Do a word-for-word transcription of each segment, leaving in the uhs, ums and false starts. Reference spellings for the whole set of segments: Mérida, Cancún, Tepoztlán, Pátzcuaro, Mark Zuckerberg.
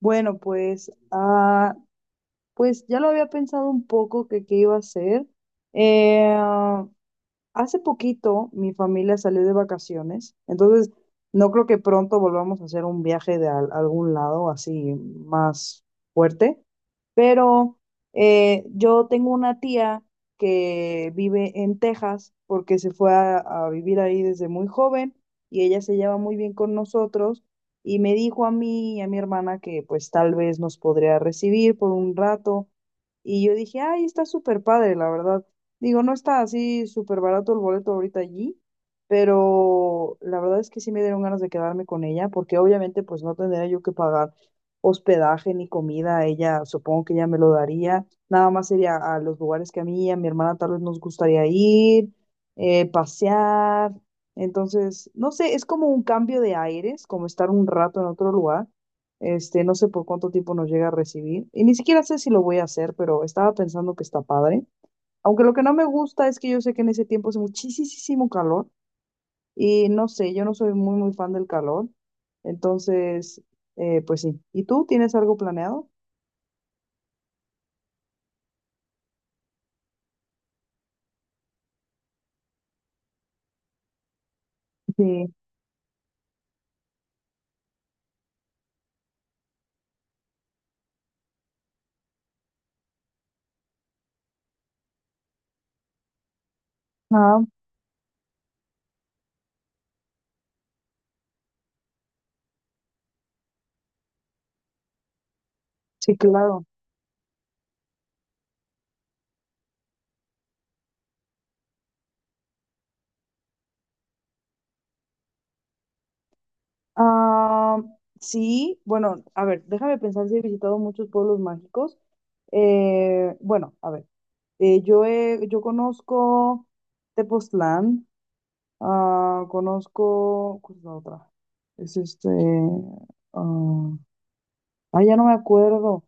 Bueno, pues, ah, pues ya lo había pensado un poco que qué iba a hacer. Eh, Hace poquito mi familia salió de vacaciones, entonces no creo que pronto volvamos a hacer un viaje de al- algún lado así más fuerte, pero eh, yo tengo una tía que vive en Texas porque se fue a, a vivir ahí desde muy joven y ella se lleva muy bien con nosotros y me dijo a mí y a mi hermana que pues tal vez nos podría recibir por un rato y yo dije, ay, está súper padre, la verdad. Digo, no está así súper barato el boleto ahorita allí, pero la verdad es que sí me dieron ganas de quedarme con ella, porque obviamente pues no tendría yo que pagar hospedaje ni comida, ella supongo que ella me lo daría, nada más sería a los lugares que a mí y a mi hermana tal vez nos gustaría ir, eh, pasear, entonces, no sé, es como un cambio de aires, como estar un rato en otro lugar, este, no sé por cuánto tiempo nos llega a recibir, y ni siquiera sé si lo voy a hacer, pero estaba pensando que está padre. Aunque lo que no me gusta es que yo sé que en ese tiempo hace muchísimo calor y no sé, yo no soy muy, muy fan del calor. Entonces, eh, pues sí. ¿Y tú tienes algo planeado? Sí. Ah, sí, claro. Ah, sí, bueno, a ver, déjame pensar si he visitado muchos pueblos mágicos. Eh, bueno, a ver, eh, yo, he- yo conozco Tepoztlán, ah, conozco, ¿cuál es la otra? Es este, ah, ah, ya no me acuerdo.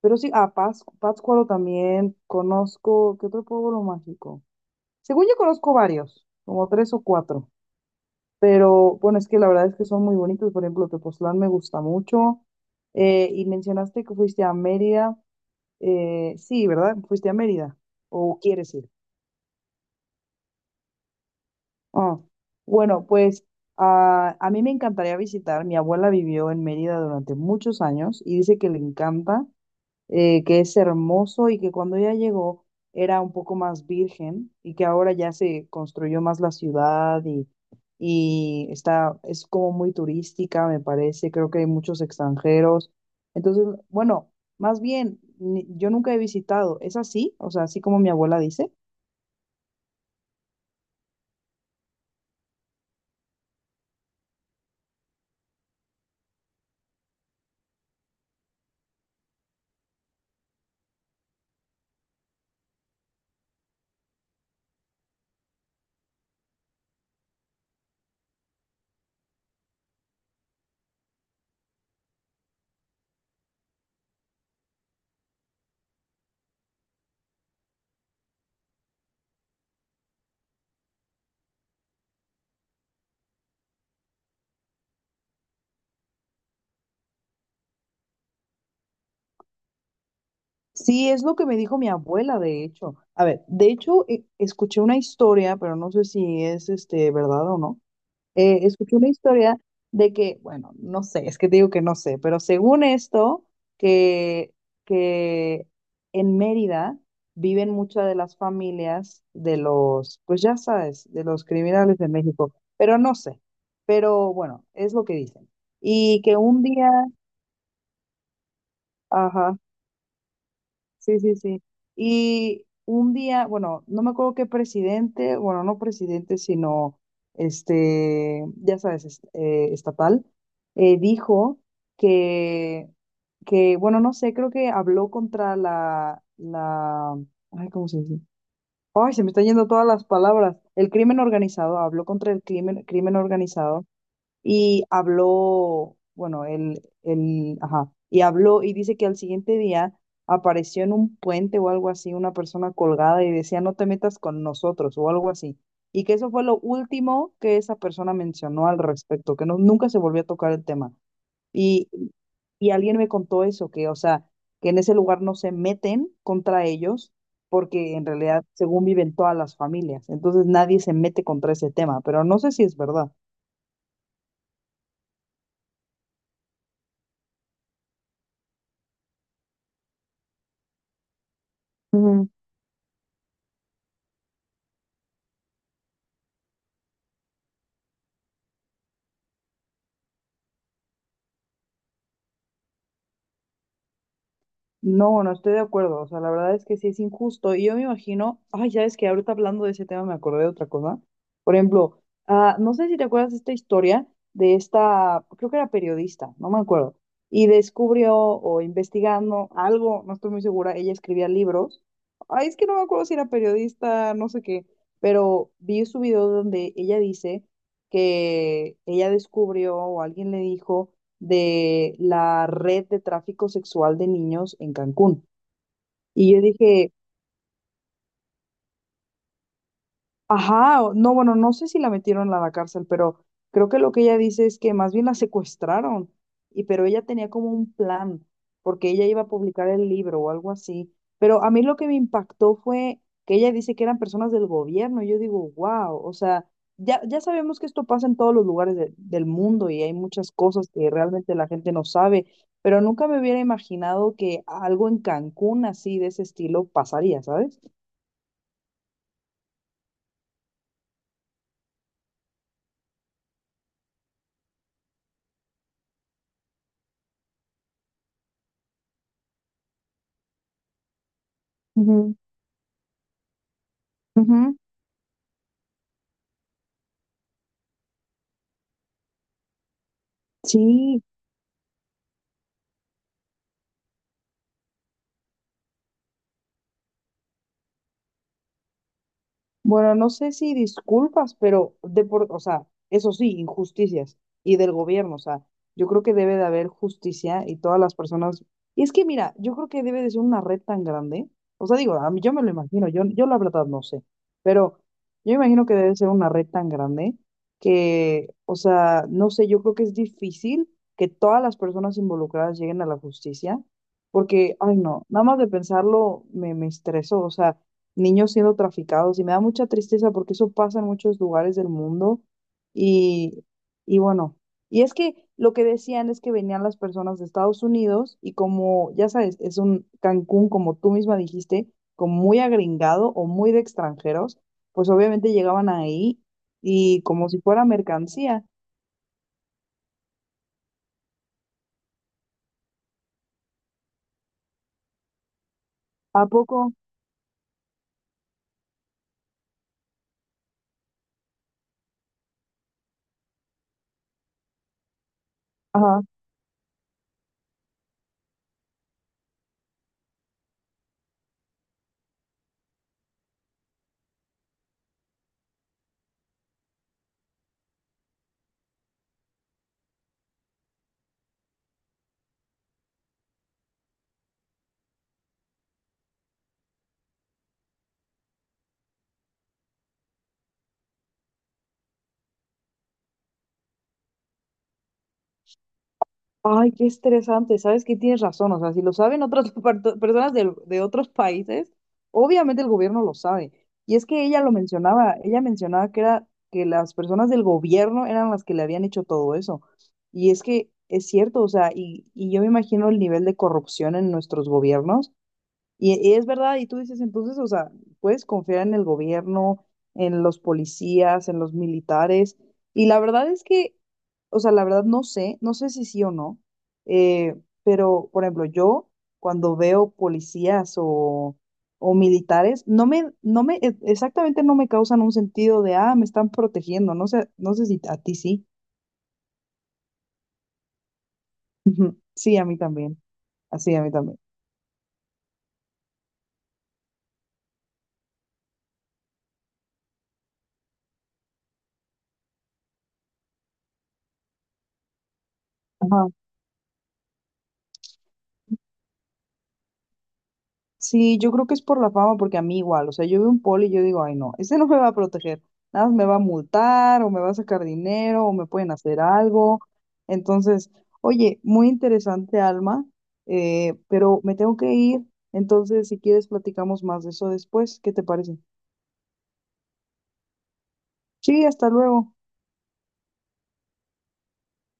Pero sí, a Pascu- Pátzcuaro también conozco. ¿Qué otro pueblo mágico? Según yo conozco varios, como tres o cuatro. Pero bueno, es que la verdad es que son muy bonitos. Por ejemplo, Tepoztlán me gusta mucho. Eh, y mencionaste que fuiste a Mérida. Eh, sí, ¿verdad? Fuiste a Mérida. ¿O quieres ir? Ah, bueno, pues a, a mí me encantaría visitar. Mi abuela vivió en Mérida durante muchos años y dice que le encanta eh, que es hermoso y que cuando ella llegó era un poco más virgen y que ahora ya se construyó más la ciudad y, y está, es como muy turística, me parece, creo que hay muchos extranjeros. Entonces, bueno, más bien, ni- yo nunca he visitado, ¿es así? O sea, así como mi abuela dice. Sí, es lo que me dijo mi abuela, de hecho. A ver, de hecho, e- escuché una historia, pero no sé si es este verdad o no, eh, escuché una historia de que, bueno, no sé, es que te digo que no sé, pero según esto, que, que en Mérida viven muchas de las familias de los, pues ya sabes, de los criminales de México, pero no sé, pero bueno, es lo que dicen. Y que un día, ajá, sí, sí, sí. Y un día, bueno, no me acuerdo qué presidente, bueno, no presidente, sino este, ya sabes, es- eh, estatal, eh, dijo que, que, bueno, no sé, creo que habló contra la, la, ay, ¿cómo se dice? Ay, se me están yendo todas las palabras. El crimen organizado, habló contra el crimen, crimen organizado y habló, bueno, él, él, ajá, y habló y dice que al siguiente día apareció en un puente o algo así una persona colgada y decía, no te metas con nosotros o algo así. Y que eso fue lo último que esa persona mencionó al respecto, que no, nunca se volvió a tocar el tema. Y, y alguien me contó eso, que, o sea, que en ese lugar no se meten contra ellos porque en realidad, según viven todas las familias, entonces nadie se mete contra ese tema, pero no sé si es verdad. Ujú. No, no estoy de acuerdo. O sea, la verdad es que sí es injusto. Y yo me imagino, ay, ya es que ahorita hablando de ese tema me acordé de otra cosa. Por ejemplo, ah, no sé si te acuerdas de esta historia de esta, creo que era periodista, no me acuerdo. Y descubrió o investigando algo, no estoy muy segura, ella escribía libros. Ay, es que no me acuerdo si era periodista, no sé qué, pero vi su video donde ella dice que ella descubrió o alguien le dijo de la red de tráfico sexual de niños en Cancún. Y yo dije, ajá, o- no, bueno, no sé si la metieron a la cárcel, pero creo que lo que ella dice es que más bien la secuestraron, y pero ella tenía como un plan, porque ella iba a publicar el libro o algo así. Pero a mí lo que me impactó fue que ella dice que eran personas del gobierno, y yo digo, wow, o sea, ya, ya sabemos que esto pasa en todos los lugares de- del mundo y hay muchas cosas que realmente la gente no sabe, pero nunca me hubiera imaginado que algo en Cancún así de ese estilo pasaría, ¿sabes? Ujú, ujú, sí. Bueno, no sé si disculpas, pero de por, o sea, eso sí, injusticias y del gobierno, o sea, yo creo que debe de haber justicia y todas las personas. Y es que mira, yo creo que debe de ser una red tan grande, o sea, digo, a mí yo me lo imagino, yo, yo la verdad no sé, pero yo me imagino que debe ser una red tan grande que, o sea, no sé, yo creo que es difícil que todas las personas involucradas lleguen a la justicia, porque, ay no, nada más de pensarlo me, me estresó, o sea niños siendo traficados y me da mucha tristeza porque eso pasa en muchos lugares del mundo y, y bueno, y es que lo que decían es que venían las personas de Estados Unidos y como ya sabes, es un Cancún, como tú misma dijiste, como muy agringado o muy de extranjeros, pues obviamente llegaban ahí y como si fuera mercancía. ¿A poco? Ajá. Ay, qué estresante, sabes que tienes razón, o sea, si lo saben otras parto- personas del- de otros países, obviamente el gobierno lo sabe. Y es que ella lo mencionaba, ella mencionaba que era que las personas del gobierno eran las que le habían hecho todo eso. Y es que es cierto, o sea, y, y yo me imagino el nivel de corrupción en nuestros gobiernos, y, y es verdad, y tú dices entonces, o sea, puedes confiar en el gobierno, en los policías, en los militares. Y la verdad es que, o sea, la verdad no sé, no sé si sí o no, eh, pero por ejemplo, yo cuando veo policías o, o militares, no me, no me, e- exactamente no me causan un sentido de, ah, me están protegiendo, no sé, no sé si a ti sí. Ujú. Sí, a mí también. Así, a mí también. Sí, yo creo que es por la fama, porque a mí igual, o sea, yo veo un poli y yo digo, ay no, ese no me va a proteger, nada más me va a multar o me va a sacar dinero o me pueden hacer algo. Entonces, oye, muy interesante, Alma, eh, pero me tengo que ir, entonces si quieres platicamos más de eso después, ¿qué te parece? Sí, hasta luego.